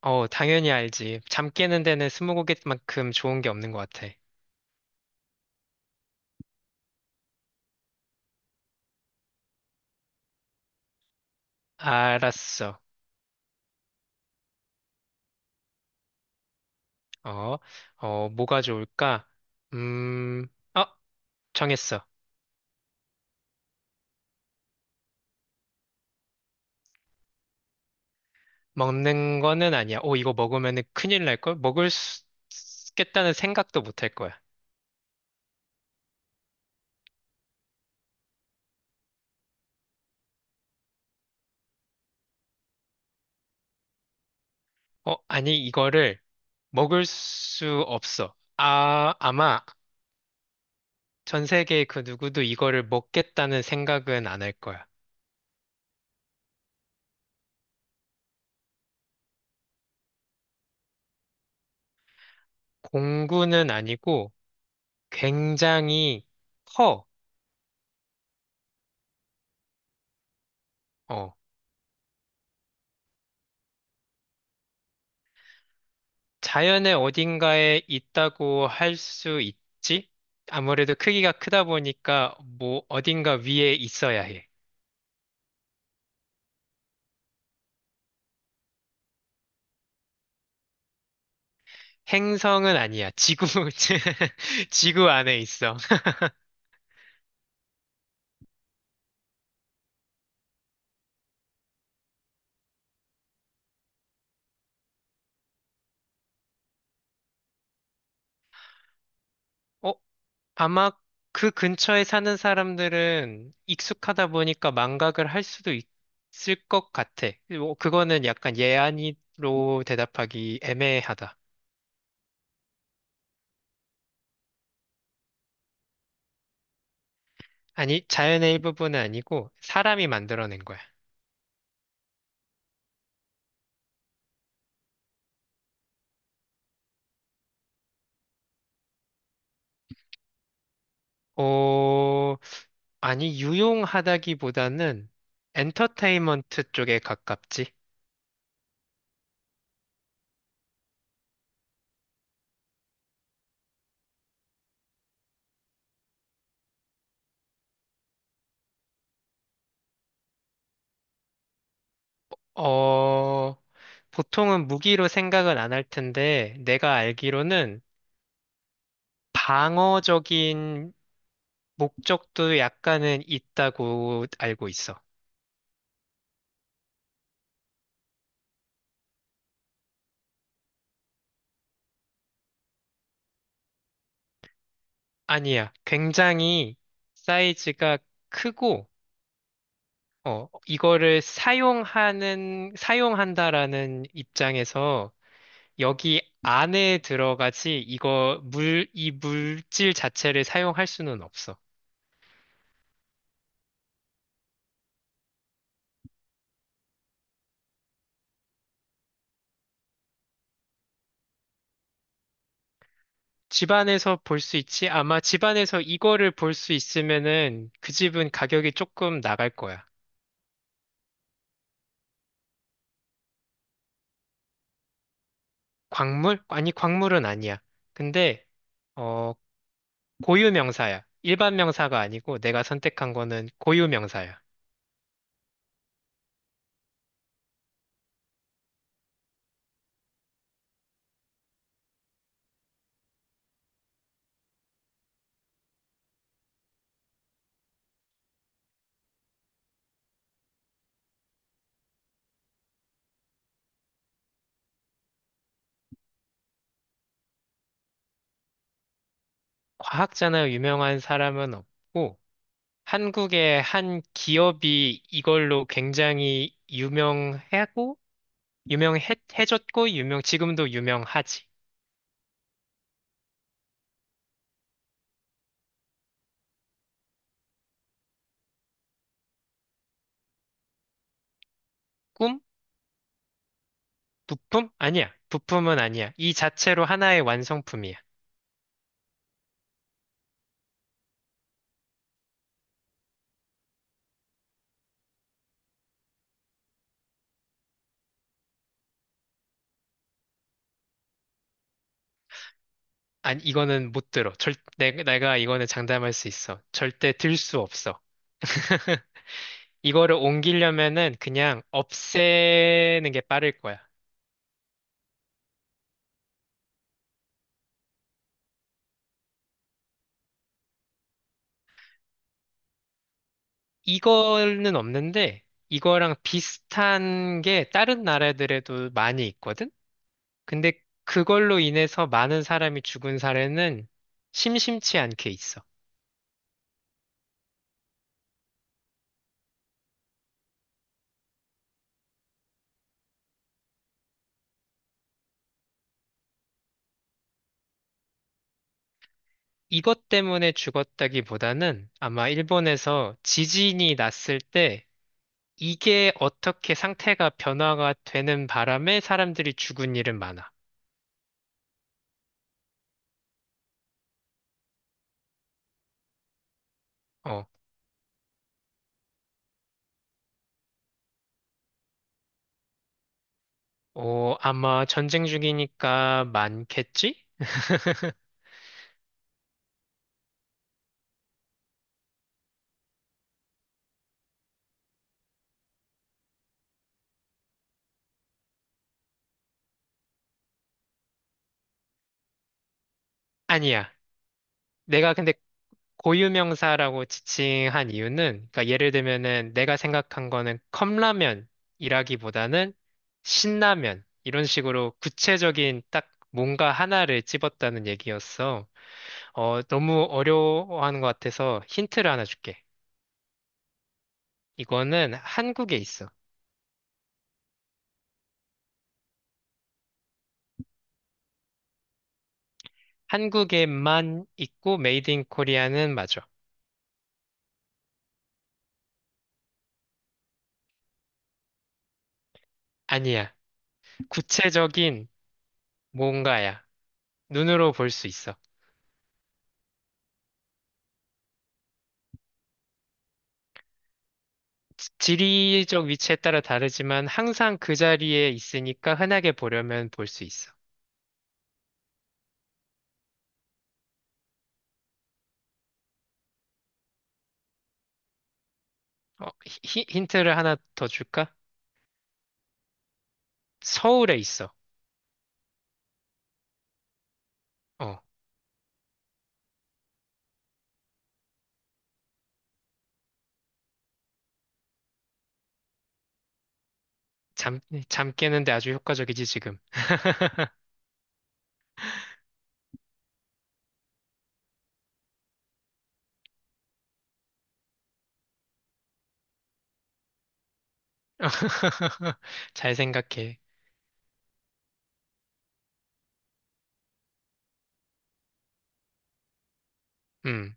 어, 당연히 알지. 잠 깨는 데는 스무고개만큼 좋은 게 없는 것 같아. 알았어. 어, 뭐가 좋을까? 음, 어, 정했어. 먹는 거는 아니야. 오, 이거 먹으면 큰일 날걸? 먹을 수 있겠다는 생각도 못 할 거야. 어, 아니, 이거를 먹을 수 없어. 아, 아마 전 세계 그 누구도 이거를 먹겠다는 생각은 안 할 거야. 공구는 아니고 굉장히 커. 어. 자연의 어딘가에 있다고 할 수 있지? 아무래도 크기가 크다 보니까 뭐 어딘가 위에 있어야 해. 행성은 아니야. 지구, 지구 안에 있어. 어, 아마 그 근처에 사는 사람들은 익숙하다 보니까 망각을 할 수도 있을 것 같아. 뭐 그거는 약간 예안이로 대답하기 애매하다. 아니, 자연의 일부분은 아니고 사람이 만들어낸 거야. 어, 아니, 유용하다기보다는 엔터테인먼트 쪽에 가깝지. 어, 보통은 무기로 생각은 안 할 텐데, 내가 알기로는 방어적인 목적도 약간은 있다고 알고 있어. 아니야, 굉장히 사이즈가 크고, 어, 이거를 사용한다라는 입장에서 여기 안에 들어가지 이 물질 자체를 사용할 수는 없어. 집안에서 볼 수 있지? 아마 집안에서 이거를 볼 수 있으면은 그 집은 가격이 조금 나갈 거야. 광물? 아니, 광물은 아니야. 근데, 어, 고유 명사야. 일반 명사가 아니고 내가 선택한 거는 고유 명사야. 과학자나 유명한 사람은 없고, 한국의 한 기업이 이걸로 굉장히 유명하고, 유명해졌고 유명 지금도 유명하지. 꿈? 부품? 아니야. 부품은 아니야. 이 자체로 하나의 완성품이야. 아니 이거는 못 들어. 내가 이거는 장담할 수 있어. 절대 들 수 없어. 이거를 옮기려면은 그냥 없애는 게 빠를 거야. 이거는 없는데 이거랑 비슷한 게 다른 나라들에도 많이 있거든? 근데 그걸로 인해서 많은 사람이 죽은 사례는 심심치 않게 있어. 이것 때문에 죽었다기보다는 아마 일본에서 지진이 났을 때 이게 어떻게 상태가 변화가 되는 바람에 사람들이 죽은 일은 많아. 어, 아마 전쟁 중이니까 많겠지? 아니야. 내가 근데 고유명사라고 지칭한 이유는, 그러니까 예를 들면은 내가 생각한 거는 컵라면이라기보다는 신라면, 이런 식으로 구체적인 딱 뭔가 하나를 집었다는 얘기였어. 어, 너무 어려워하는 것 같아서 힌트를 하나 줄게. 이거는 한국에 있어. 한국에만 있고 메이드 인 코리아는 맞아. 아니야. 구체적인 뭔가야. 눈으로 볼 수 있어. 지리적 위치에 따라 다르지만 항상 그 자리에 있으니까 흔하게 보려면 볼 수 있어. 어, 힌트를 하나 더 줄까? 서울에 있어. 어, 잠, 잠 깨는데 아주 효과적이지, 지금. 잘 생각해. 음,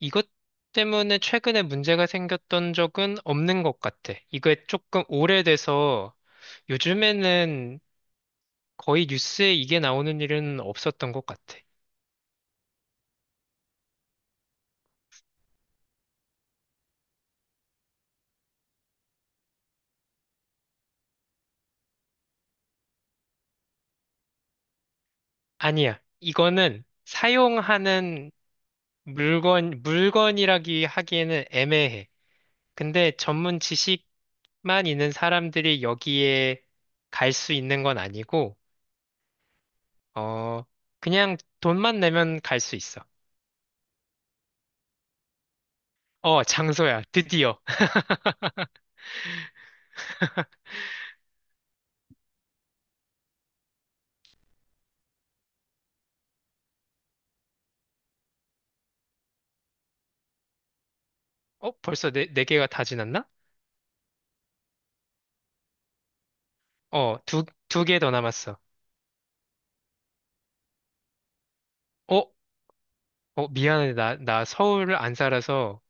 이것 때문에 최근에 문제가 생겼던 적은 없는 것 같아. 이게 조금 오래돼서 요즘에는 거의 뉴스에 이게 나오는 일은 없었던 것 같아. 아니야. 이거는 사용하는 물건이라기 하기에는 애매해. 근데 전문 지식만 있는 사람들이 여기에 갈 수 있는 건 아니고, 어, 그냥 돈만 내면 갈 수 있어. 어, 장소야. 드디어. 어, 벌써 네 개가 다 지났나? 어, 두 개 더 남았어. 어, 미안해. 나 서울 안 살아서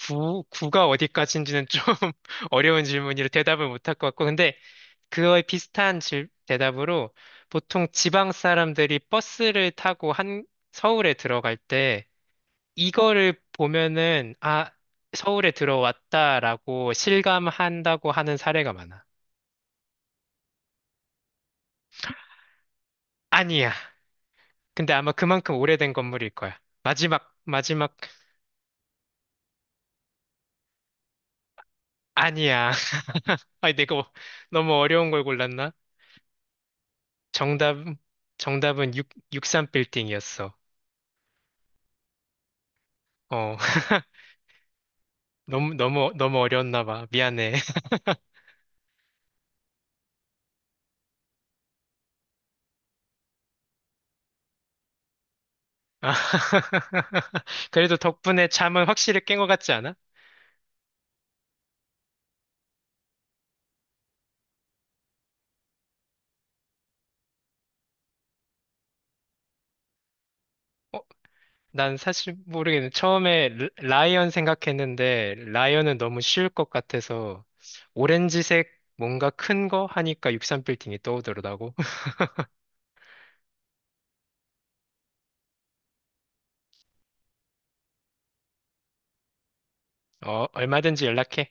구가 어디까지인지는 좀 어려운 질문이라 대답을 못할 것 같고, 근데 그거에 비슷한 대답으로 보통 지방 사람들이 버스를 타고 서울에 들어갈 때 이거를 보면은, 아, 서울에 들어왔다라고 실감한다고 하는 사례가 많아. 아니야. 근데 아마 그만큼 오래된 건물일 거야. 마지막, 아니야. 아니, 내가 뭐 너무 어려운 걸 골랐나? 정답, 정답은 육3 빌딩이었어. 어. 너무, 너무, 너무 어려웠나 봐. 미안해. 아, 그래도 덕분에 잠은 확실히 깬 것 같지 않아? 어, 난 사실 모르겠네. 처음에 라이언 생각했는데, 라이언은 너무 쉬울 것 같아서, 오렌지색 뭔가 큰 거 하니까 63빌딩이 떠오르더라고. 어, 얼마든지 연락해.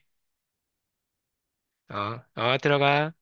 어, 어, 들어가.